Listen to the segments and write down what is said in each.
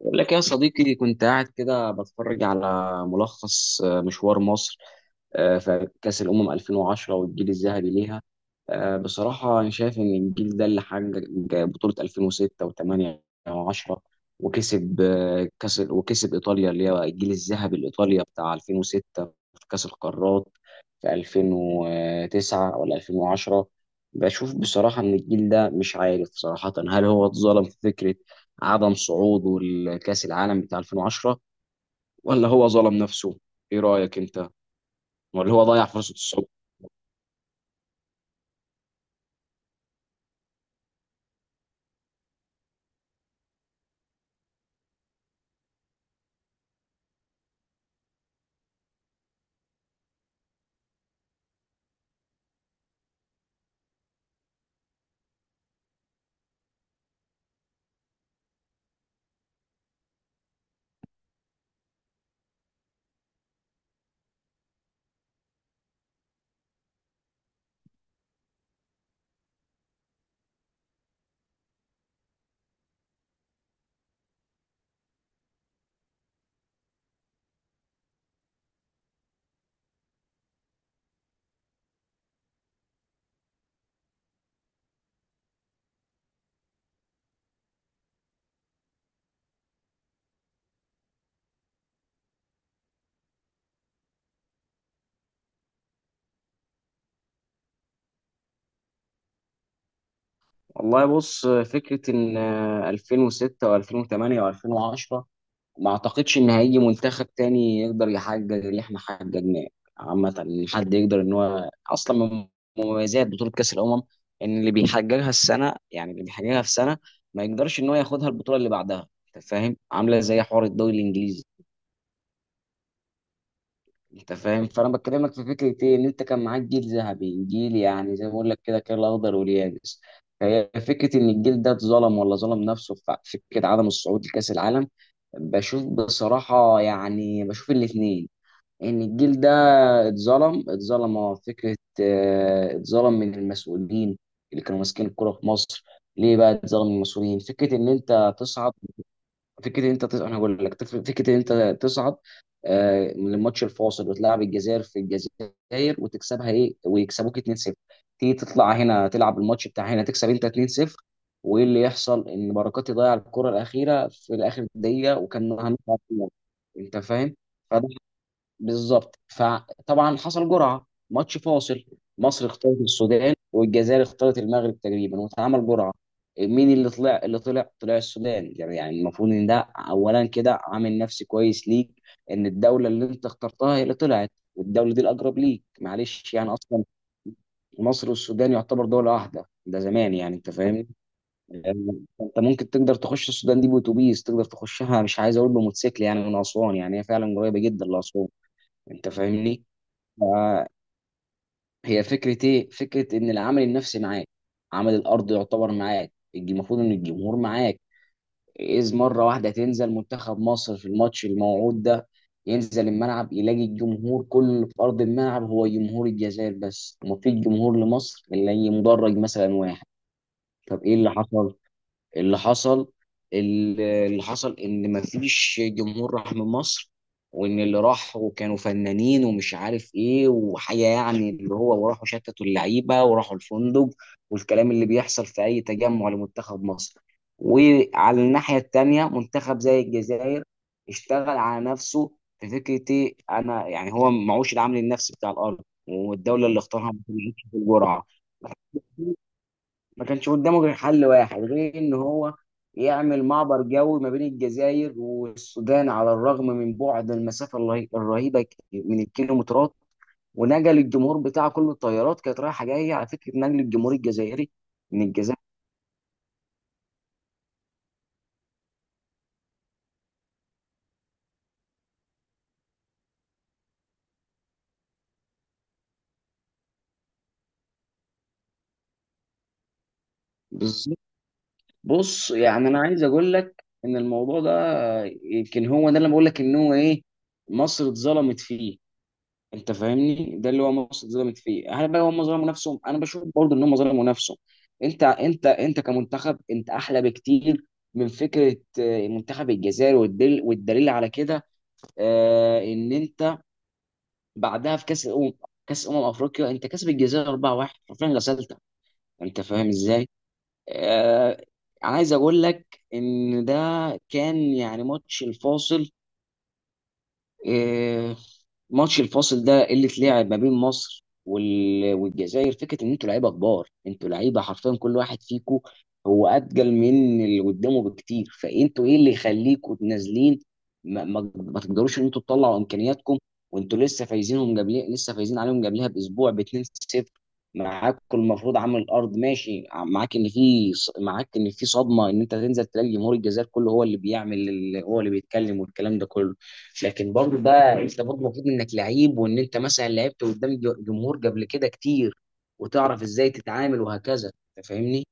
بقول لك يا صديقي، كنت قاعد كده بتفرج على ملخص مشوار مصر. في كأس الأمم 2010 والجيل الذهبي ليها. بصراحة أنا شايف إن الجيل ده اللي حقق بطولة 2006 و8 و10، وكسب كأس، وكسب إيطاليا اللي هي الجيل الذهبي الإيطاليا بتاع 2006 في كأس القارات في 2009 ولا 2010. بشوف بصراحة إن الجيل ده، مش عارف صراحة، هل هو اتظلم في فكرة عدم صعوده لكأس العالم بتاع 2010، ولا هو ظلم نفسه؟ ايه رأيك انت؟ ولا هو ضيع فرصة الصعود؟ والله، بص، فكرة ان 2006 و2008 و2010، ما اعتقدش ان هيجي منتخب تاني يقدر يحقق اللي احنا حققناه. عامة، ان حد يقدر ان هو اصلا من مميزات بطولة كأس الأمم ان اللي بيحققها السنة، يعني اللي بيحققها في سنة ما يقدرش ان هو ياخدها البطولة اللي بعدها. انت فاهم؟ عاملة زي حوار الدوري الإنجليزي. انت فاهم، فانا بكلمك في فكره ايه، ان انت كان معاك جيل ذهبي، جيل يعني زي ما بقول لك كده، كان الاخضر واليابس. فهي فكره ان الجيل ده اتظلم ولا ظلم نفسه في فكره عدم الصعود لكاس العالم. بشوف بصراحه يعني، بشوف الاثنين. ان الجيل ده اتظلم فكره اتظلم من المسؤولين اللي كانوا ماسكين الكوره في مصر. ليه بقى اتظلم من المسؤولين؟ فكره ان انت تصعد، فكره إن انت تصعد، انا هقول لك فكره إن انت تصعد من الماتش الفاصل، وتلعب الجزائر في الجزائر وتكسبها، ايه، ويكسبوك 2-0، تيجي تطلع هنا، تلعب الماتش بتاع هنا، تكسب انت 2-0. وايه اللي يحصل؟ ان بركات يضيع الكره الاخيره في اخر دقيقه، وكان هنطلع في النهاية. انت فاهم؟ بالظبط. فطبعا حصل جرعه ماتش فاصل. مصر اختارت السودان، والجزائر اختارت المغرب تقريبا، واتعمل جرعه. مين اللي طلع طلع السودان، يعني يعني المفروض ان ده اولا كده عامل نفسي كويس ليك، ان الدوله اللي انت اخترتها هي اللي طلعت، والدوله دي الاقرب ليك، معلش يعني. اصلا مصر والسودان يعتبر دوله واحده ده زمان، يعني انت فاهمني. يعني انت ممكن تقدر تخش السودان دي باتوبيس، تقدر تخشها، مش عايز اقول بموتوسيكل، يعني من اسوان، يعني هي فعلا قريبه جدا لاسوان. انت فاهمني؟ آه، هي فكرة ايه؟ فكرة ان العامل النفسي معاك، عامل الارض يعتبر معاك، المفروض ان الجمهور معاك. اذ مرة واحدة تنزل منتخب مصر في الماتش الموعود ده، ينزل الملعب يلاقي الجمهور كله في ارض الملعب هو جمهور الجزائر بس، ومفيش جمهور لمصر الا أي مدرج مثلا واحد. طب ايه اللي حصل؟ اللي حصل، ان مفيش جمهور راح من مصر، وان اللي راحوا كانوا فنانين ومش عارف ايه وحاجه، يعني اللي هو وراحوا شتتوا اللعيبه وراحوا الفندق، والكلام اللي بيحصل في اي تجمع لمنتخب مصر. وعلى الناحيه التانيه منتخب زي الجزائر اشتغل على نفسه في فكره إيه؟ انا يعني هو معوش العامل النفسي بتاع الارض، والدوله اللي اختارها ما بتنجحش في الجرعه. ما كانش قدامه غير حل واحد غير ان هو يعمل معبر جوي ما بين الجزائر والسودان، على الرغم من بعد المسافه الرهيبه، من الكيلومترات. ونقل الجمهور بتاعه كله، الطيارات كانت رايحه جايه على فكره نقل الجمهور الجزائري من الجزائر. بالظبط. بص يعني، انا عايز اقول لك ان الموضوع ده يمكن هو ده اللي بقول لك ان هو ايه، مصر اتظلمت فيه. انت فاهمني، ده اللي هو مصر اتظلمت فيه. هل بقى هم ظلموا نفسهم؟ انا بشوف برضه ان هم ظلموا نفسهم. انت كمنتخب، انت احلى بكتير من فكره منتخب الجزائر، والدليل على كده ان انت بعدها في كاس الامم، كاس افريقيا، انت كسب الجزائر 4-1، حرفيا غسلتك. انت فاهم ازاي؟ آه، عايز اقول لك ان ده كان يعني ماتش الفاصل. آه، ماتش الفاصل ده اللي اتلعب ما بين مصر والجزائر. فكره ان انتوا لعيبه كبار، انتوا لعيبه حرفيا، كل واحد فيكم هو اتقل من اللي قدامه بكتير. فانتوا ايه اللي يخليكم نازلين؟ ما تقدروش ان انتوا تطلعوا امكانياتكم وانتوا لسه فايزينهم قبل لسه فايزين عليهم قبلها باسبوع ب 2-0. معاكم المفروض، عامل الارض ماشي معاك، ان معاك ان في صدمه ان انت تنزل تلاقي جمهور الجزائر كله هو اللي بيعمل هو اللي بيتكلم، والكلام ده كله. لكن برضه ده، انت برضه المفروض انك لعيب، وان انت مثلا لعبت قدام جمهور قبل كده كتير، وتعرف ازاي تتعامل وهكذا. انت فاهمني؟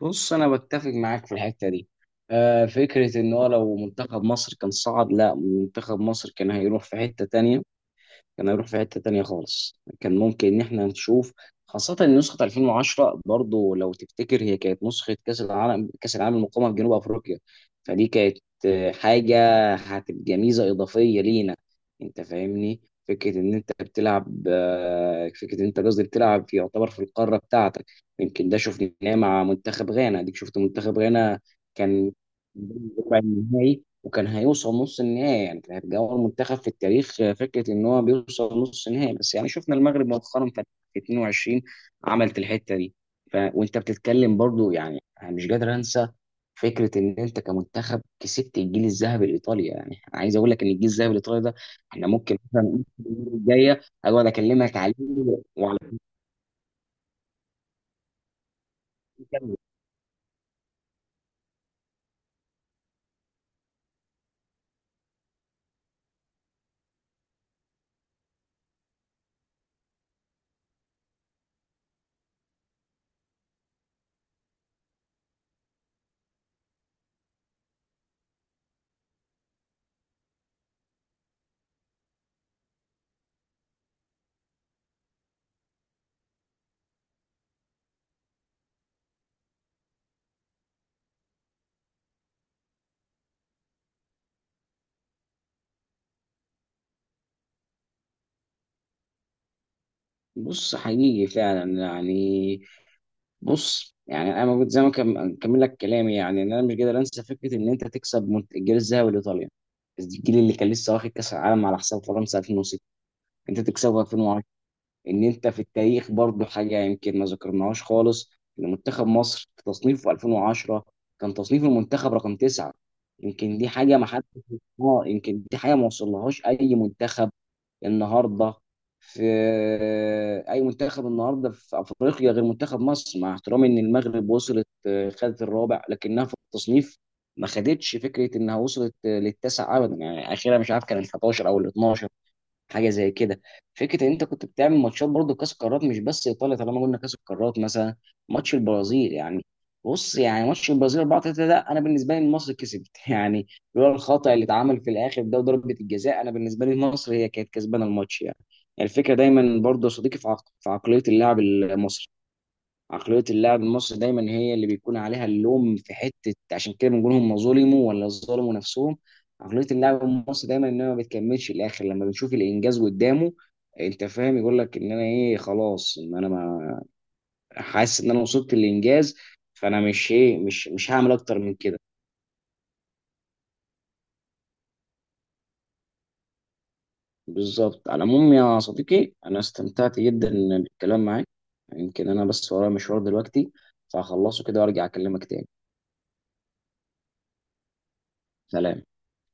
بص، انا بتفق معاك في الحته دي. فكره ان هو لو منتخب مصر كان صعد، لا، منتخب مصر كان هيروح في حته تانية، كان هيروح في حتة تانية خالص. كان ممكن إن إحنا نشوف، خاصة إن نسخة 2010 برضو لو تفتكر هي كانت نسخة كأس العالم، كأس العالم المقامة في جنوب أفريقيا. فدي كانت حاجة هتبقى ميزة إضافية لينا. أنت فاهمني، فكرة إن أنت بتلعب، فكرة إن أنت قصدي بتلعب في، يعتبر في القارة بتاعتك. يمكن ده شفناه مع منتخب غانا، أديك شفت منتخب غانا كان ربع النهائي وكان هيوصل نص النهائي، يعني كانت اول منتخب في التاريخ، فكره ان هو بيوصل نص النهائي. بس يعني شفنا المغرب مؤخرا في 22 عملت الحته دي. وانت بتتكلم برضو، يعني انا مش قادر انسى فكره ان انت كمنتخب كسبت الجيل الذهبي الايطالي. يعني عايز اقول لك ان الجيل الذهبي الايطالي ده احنا ممكن مثلا المره الجايه اقعد اكلمك عليه. وعلى، بص حقيقي فعلا يعني. بص يعني، انا موجود زي ما كمل لك كلامي، يعني إن انا مش قادر انسى فكره ان انت تكسب الجيل الذهبي لايطاليا، الجيل اللي كان لسه واخد كاس العالم على حساب فرنسا 2006، انت تكسبه 2010. ان انت في التاريخ برضو حاجه يمكن ما ذكرناهاش خالص، ان منتخب مصر في تصنيفه 2010، كان تصنيف المنتخب رقم تسعه. يمكن دي حاجه ما حد، اه، يمكن دي حاجه ما وصلهاش النهارده في اي منتخب النهارده في افريقيا غير منتخب مصر. مع احترامي ان المغرب وصلت خدت الرابع، لكنها في التصنيف ما خدتش، فكره انها وصلت للتاسع ابدا، يعني اخيرا مش عارف كان ال 11 او ال 12، حاجه زي كده. فكره ان انت كنت بتعمل ماتشات برضه كاس قارات مش بس ايطاليا، طالما قلنا كاس القارات، مثلا ماتش البرازيل يعني. بص يعني ماتش البرازيل 4 3 ده، انا بالنسبه لي مصر كسبت يعني، لولا الخطا اللي اتعمل في الاخر ده وضربه الجزاء، انا بالنسبه لي مصر هي كانت كسبانه الماتش يعني. يعني الفكره دايما برضه يا صديقي في عقليه اللاعب المصري. عقلية اللاعب المصري دايما هي اللي بيكون عليها اللوم في حتة، عشان كده بنقول هم ظلموا ولا ظلموا نفسهم. عقلية اللاعب المصري دايما ان هو ما بتكملش الاخر لما بنشوف الانجاز قدامه. انت فاهم، يقول لك ان انا ايه، خلاص، ان انا ما، حاسس ان انا وصلت للانجاز، فانا مش ايه، مش هعمل اكتر من كده. بالظبط. على العموم يا صديقي، انا استمتعت جدا بالكلام معاك. يمكن انا بس ورايا مشوار دلوقتي فهخلصه كده وارجع اكلمك تاني. سلام.